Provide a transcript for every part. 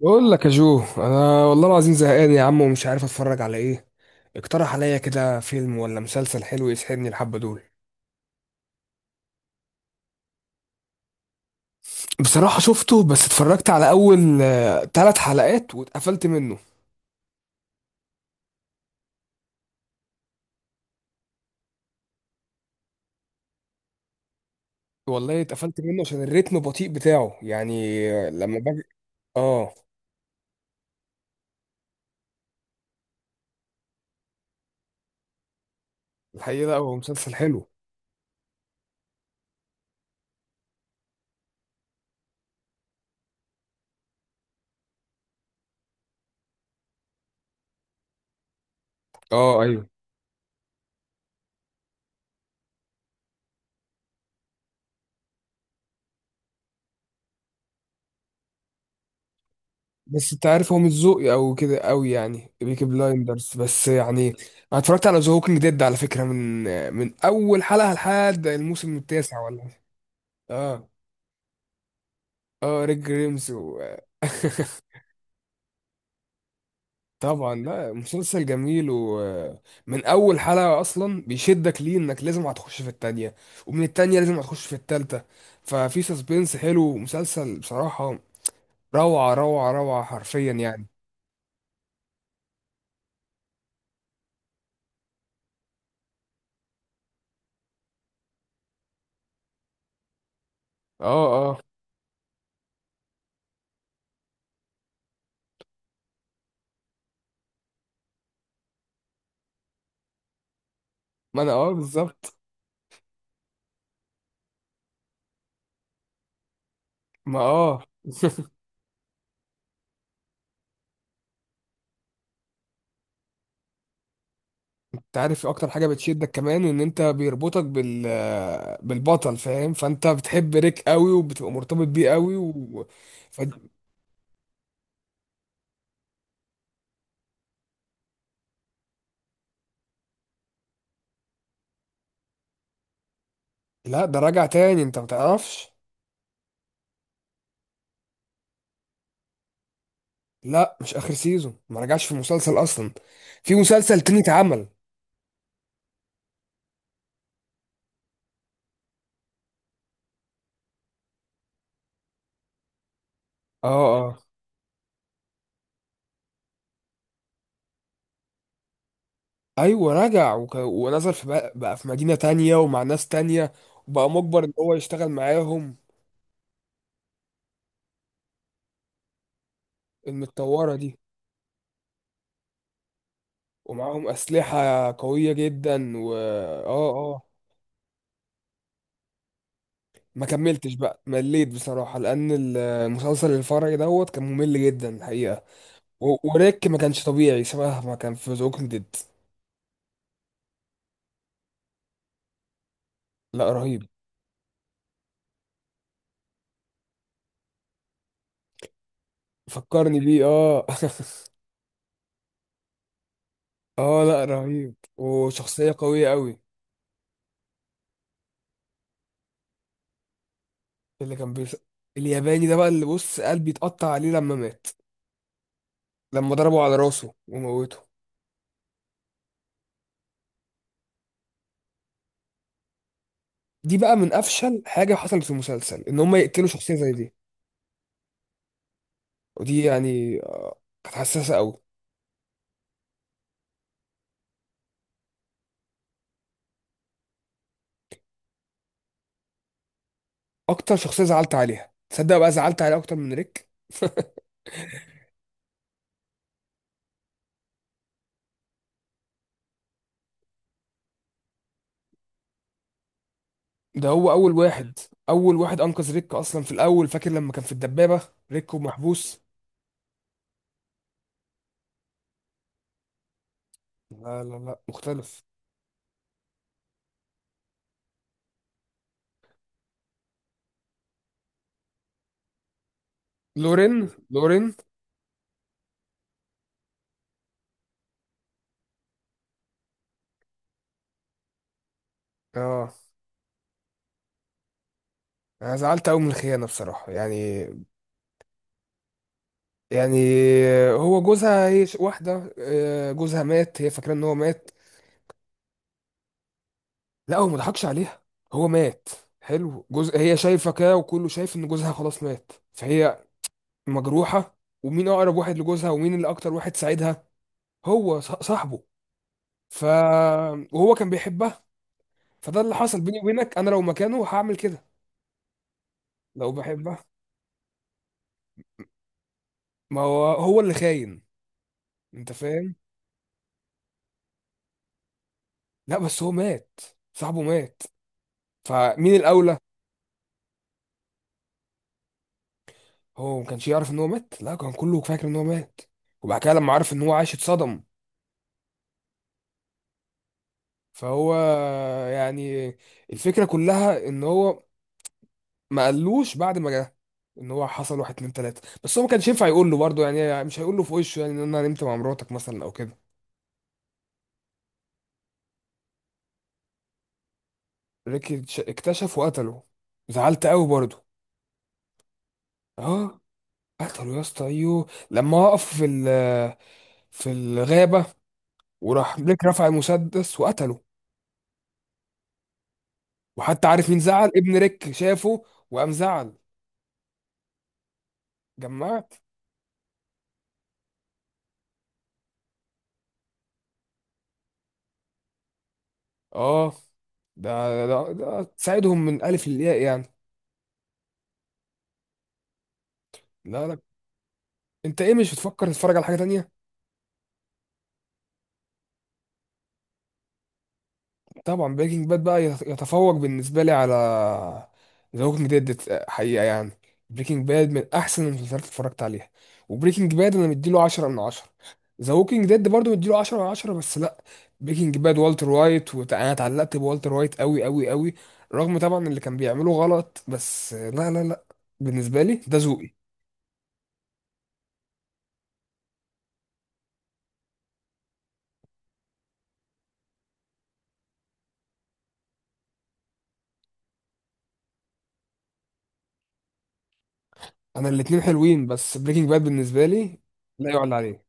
بقول لك يا جو، انا والله العظيم زهقان يا عم ومش عارف اتفرج على ايه. اقترح عليا كده فيلم ولا مسلسل حلو يسحبني الحبة دول. بصراحة شفته، بس اتفرجت على اول ثلاث حلقات واتقفلت منه. والله اتقفلت منه عشان الريتم البطيء بتاعه، يعني لما باجي. اه. الحقيقة لا، هو مسلسل حلو. اه، ايوه. بس انت عارف هو مش ذوقي او كده قوي، يعني بيكي بلايندرز، بس يعني انا اتفرجت على ذا هوكينج ديد على فكرة من من اول حلقة لحد الموسم التاسع ولا. اه. اه، ريك جريمز طبعا لا، مسلسل جميل، ومن اول حلقة اصلا بيشدك، ليه انك لازم هتخش في التانية، ومن التانية لازم هتخش في التالتة. ففي سسبنس حلو مسلسل بصراحة. روعة روعة روعة، حرفيا يعني. اه، اه. ما انا اه، بالظبط. ما اه. انت عارف اكتر حاجة بتشدك كمان ان انت بيربطك بالبطل، فاهم؟ فانت بتحب ريك قوي وبتبقى مرتبط بيه قوي ف... لا، ده راجع تاني، انت متعرفش؟ لا مش اخر سيزون، ما رجعش في مسلسل اصلا، في مسلسل تاني اتعمل. اه، اه، ايوه رجع ونزل بقى في مدينة تانية ومع ناس تانية، وبقى مجبر ان هو يشتغل معاهم. المتطورة دي. ومعاهم اسلحة قوية جدا و اه، اه. ما كملتش بقى، مليت بصراحة لان المسلسل الفرعي دوت كان ممل جدا الحقيقة. وريك ما كانش طبيعي شبه ما كان في زوكن ديد. لا، رهيب. فكرني بيه اه اه، لا، رهيب وشخصية قوية قوي. اللي كان بيس... الياباني ده بقى، اللي بص قلبي اتقطع عليه لما مات، لما ضربوا على راسه وموته. دي بقى من افشل حاجة حصلت في المسلسل، ان هم يقتلوا شخصية زي دي. ودي يعني كانت حساسة قوي. اكتر شخصية زعلت عليها، تصدق بقى زعلت عليها اكتر من ريك. ده هو اول واحد. اول واحد انقذ ريك اصلا في الاول، فاكر لما كان في الدبابة، ريك ومحبوس. لا لا لا، مختلف. لورين، لورين. اه، انا زعلت قوي من الخيانه بصراحه يعني. يعني هو جوزها، هي واحده جوزها مات، هي فاكره ان هو مات. لا، هو ما ضحكش عليها، هو مات. حلو، جوز هي شايفه كده وكله شايف ان جوزها خلاص مات، فهي مجروحه. ومين اقرب واحد لجوزها ومين اللي اكتر واحد ساعدها؟ هو صاحبه. ف وهو كان بيحبها. فده اللي حصل بيني وبينك، انا لو مكانه هعمل كده لو بحبها. ما هو، هو اللي خاين، انت فاهم. لا بس هو مات، صاحبه مات، فمين الاولى؟ هو ما كانش يعرف ان هو مات، لا، كان كله فاكر ان هو مات، وبعد كده لما عرف ان هو عايش اتصدم. فهو يعني الفكره كلها ان هو ما قالوش بعد ما جه ان هو حصل واحد اتنين تلاته، بس هو ما كانش ينفع يقول له برضه، يعني مش هيقول له في وشه يعني ان انا نمت مع مراتك مثلا او كده. ريكي اكتشف وقتله، زعلت قوي برضه. اه، قتله يا اسطى، ايوه، لما وقف في في الغابه وراح ريك رفع المسدس وقتله. وحتى عارف مين زعل؟ ابن ريك شافه وقام زعل. جمعت. اه، ده تساعدهم من الف للياء يعني. لا، لا. انت ايه، مش بتفكر تتفرج على حاجه تانية؟ طبعا بريكنج باد بقى يتفوق بالنسبه لي على ذا ووكينج ديد، حقيقه يعني. بريكنج باد من احسن المسلسلات اللي اتفرجت عليها، وبريكنج باد انا مديله 10 من 10. ذا ووكينج ديد برضه مديله 10 من 10، بس لا، بريكنج باد والتر وايت انا اتعلقت بوالتر وايت قوي قوي قوي، رغم طبعا اللي كان بيعمله غلط، بس لا لا لا، بالنسبه لي ده ذوقي. انا الاتنين حلوين، بس بريكنج باد بالنسبه لي لا يعلى عليه.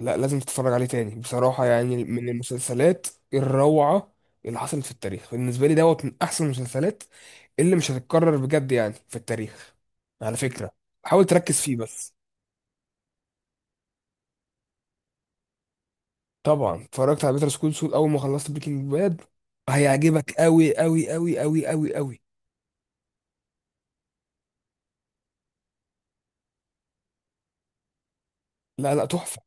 لا، لازم تتفرج عليه تاني بصراحه، يعني من المسلسلات الروعه اللي حصلت في التاريخ. بالنسبه لي دوت من احسن المسلسلات اللي مش هتتكرر بجد يعني في التاريخ. على فكره، حاول تركز فيه بس. طبعا اتفرجت على بيتر سكول سول اول ما خلصت بريكنج باد، هيعجبك قوي قوي قوي قوي قوي قوي. لا لا، تحفه.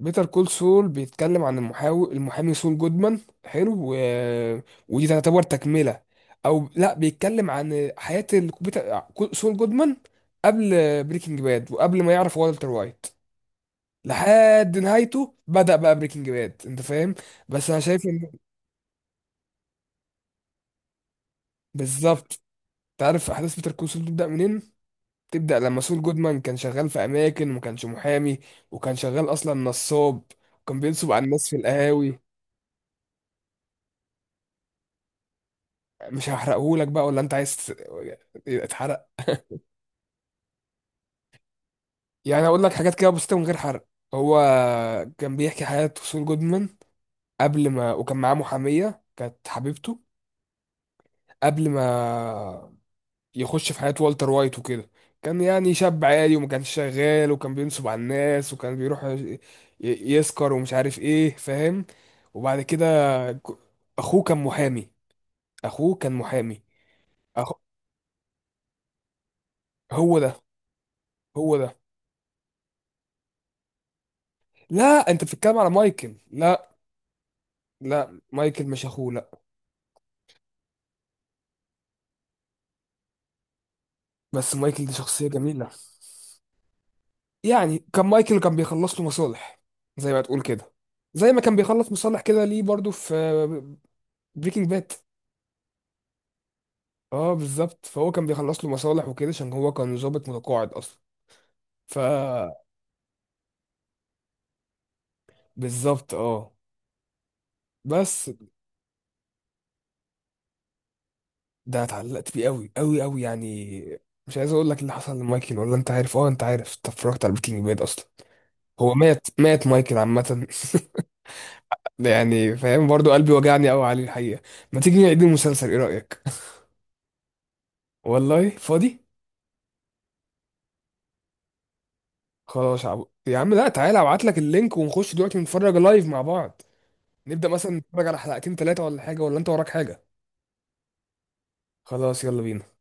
بيتر كول سول بيتكلم عن المحامي سول جودمان، حلو ودي تعتبر تكملة، او لا، بيتكلم عن حياة سول جودمان قبل بريكنج باد، وقبل ما يعرف والتر وايت، لحد نهايته بدأ بقى بريكنج باد، انت فاهم. بس انا شايف ان بالظبط، تعرف احداث بيتر كول سول تبدأ منين؟ تبدأ لما سول جودمان كان شغال في اماكن وما كانش محامي، وكان شغال اصلا نصاب، وكان بينصب على الناس في القهاوي. مش هحرقهولك بقى، ولا انت عايز اتحرق؟ يعني هقول لك حاجات كده بسيطه من غير حرق. هو كان بيحكي حياه سول جودمان قبل ما، وكان معاه محاميه كانت حبيبته، قبل ما يخش في حياه والتر وايت وكده. كان يعني شاب عادي، وما كانش شغال، وكان بينصب على الناس، وكان بيروح يسكر ومش عارف ايه، فاهم. وبعد كده ك- اخوه كان محامي. اخوه كان محامي أخو... هو ده. هو ده. لا، انت بتتكلم على مايكل، لا. لا، مايكل مش اخوه، لا. بس مايكل دي شخصية جميلة. يعني كان مايكل، كان بيخلص له مصالح، زي ما تقول كده، زي ما كان بيخلص مصالح كده ليه برضو في بريكنج باد. اه بالظبط، فهو كان بيخلص له مصالح وكده عشان هو كان ضابط متقاعد اصلا. ف بالظبط اه. بس ده اتعلقت بيه قوي قوي قوي يعني. مش عايز اقول لك اللي حصل لمايكل، ولا انت عارف؟ اه انت عارف، انت اتفرجت على بريكنج باد اصلا. هو مات، مات مايكل عامة. ده يعني فاهم برضو، قلبي وجعني قوي عليه الحقيقة. ما تيجي نعيد المسلسل، ايه رأيك؟ والله فاضي. خلاص يا عبد يا عم، لا، تعالى ابعت لك اللينك ونخش دلوقتي نتفرج لايف مع بعض. نبدأ مثلا نتفرج على حلقتين ثلاثة، ولا حاجة، ولا انت وراك حاجة؟ خلاص، يلا بينا.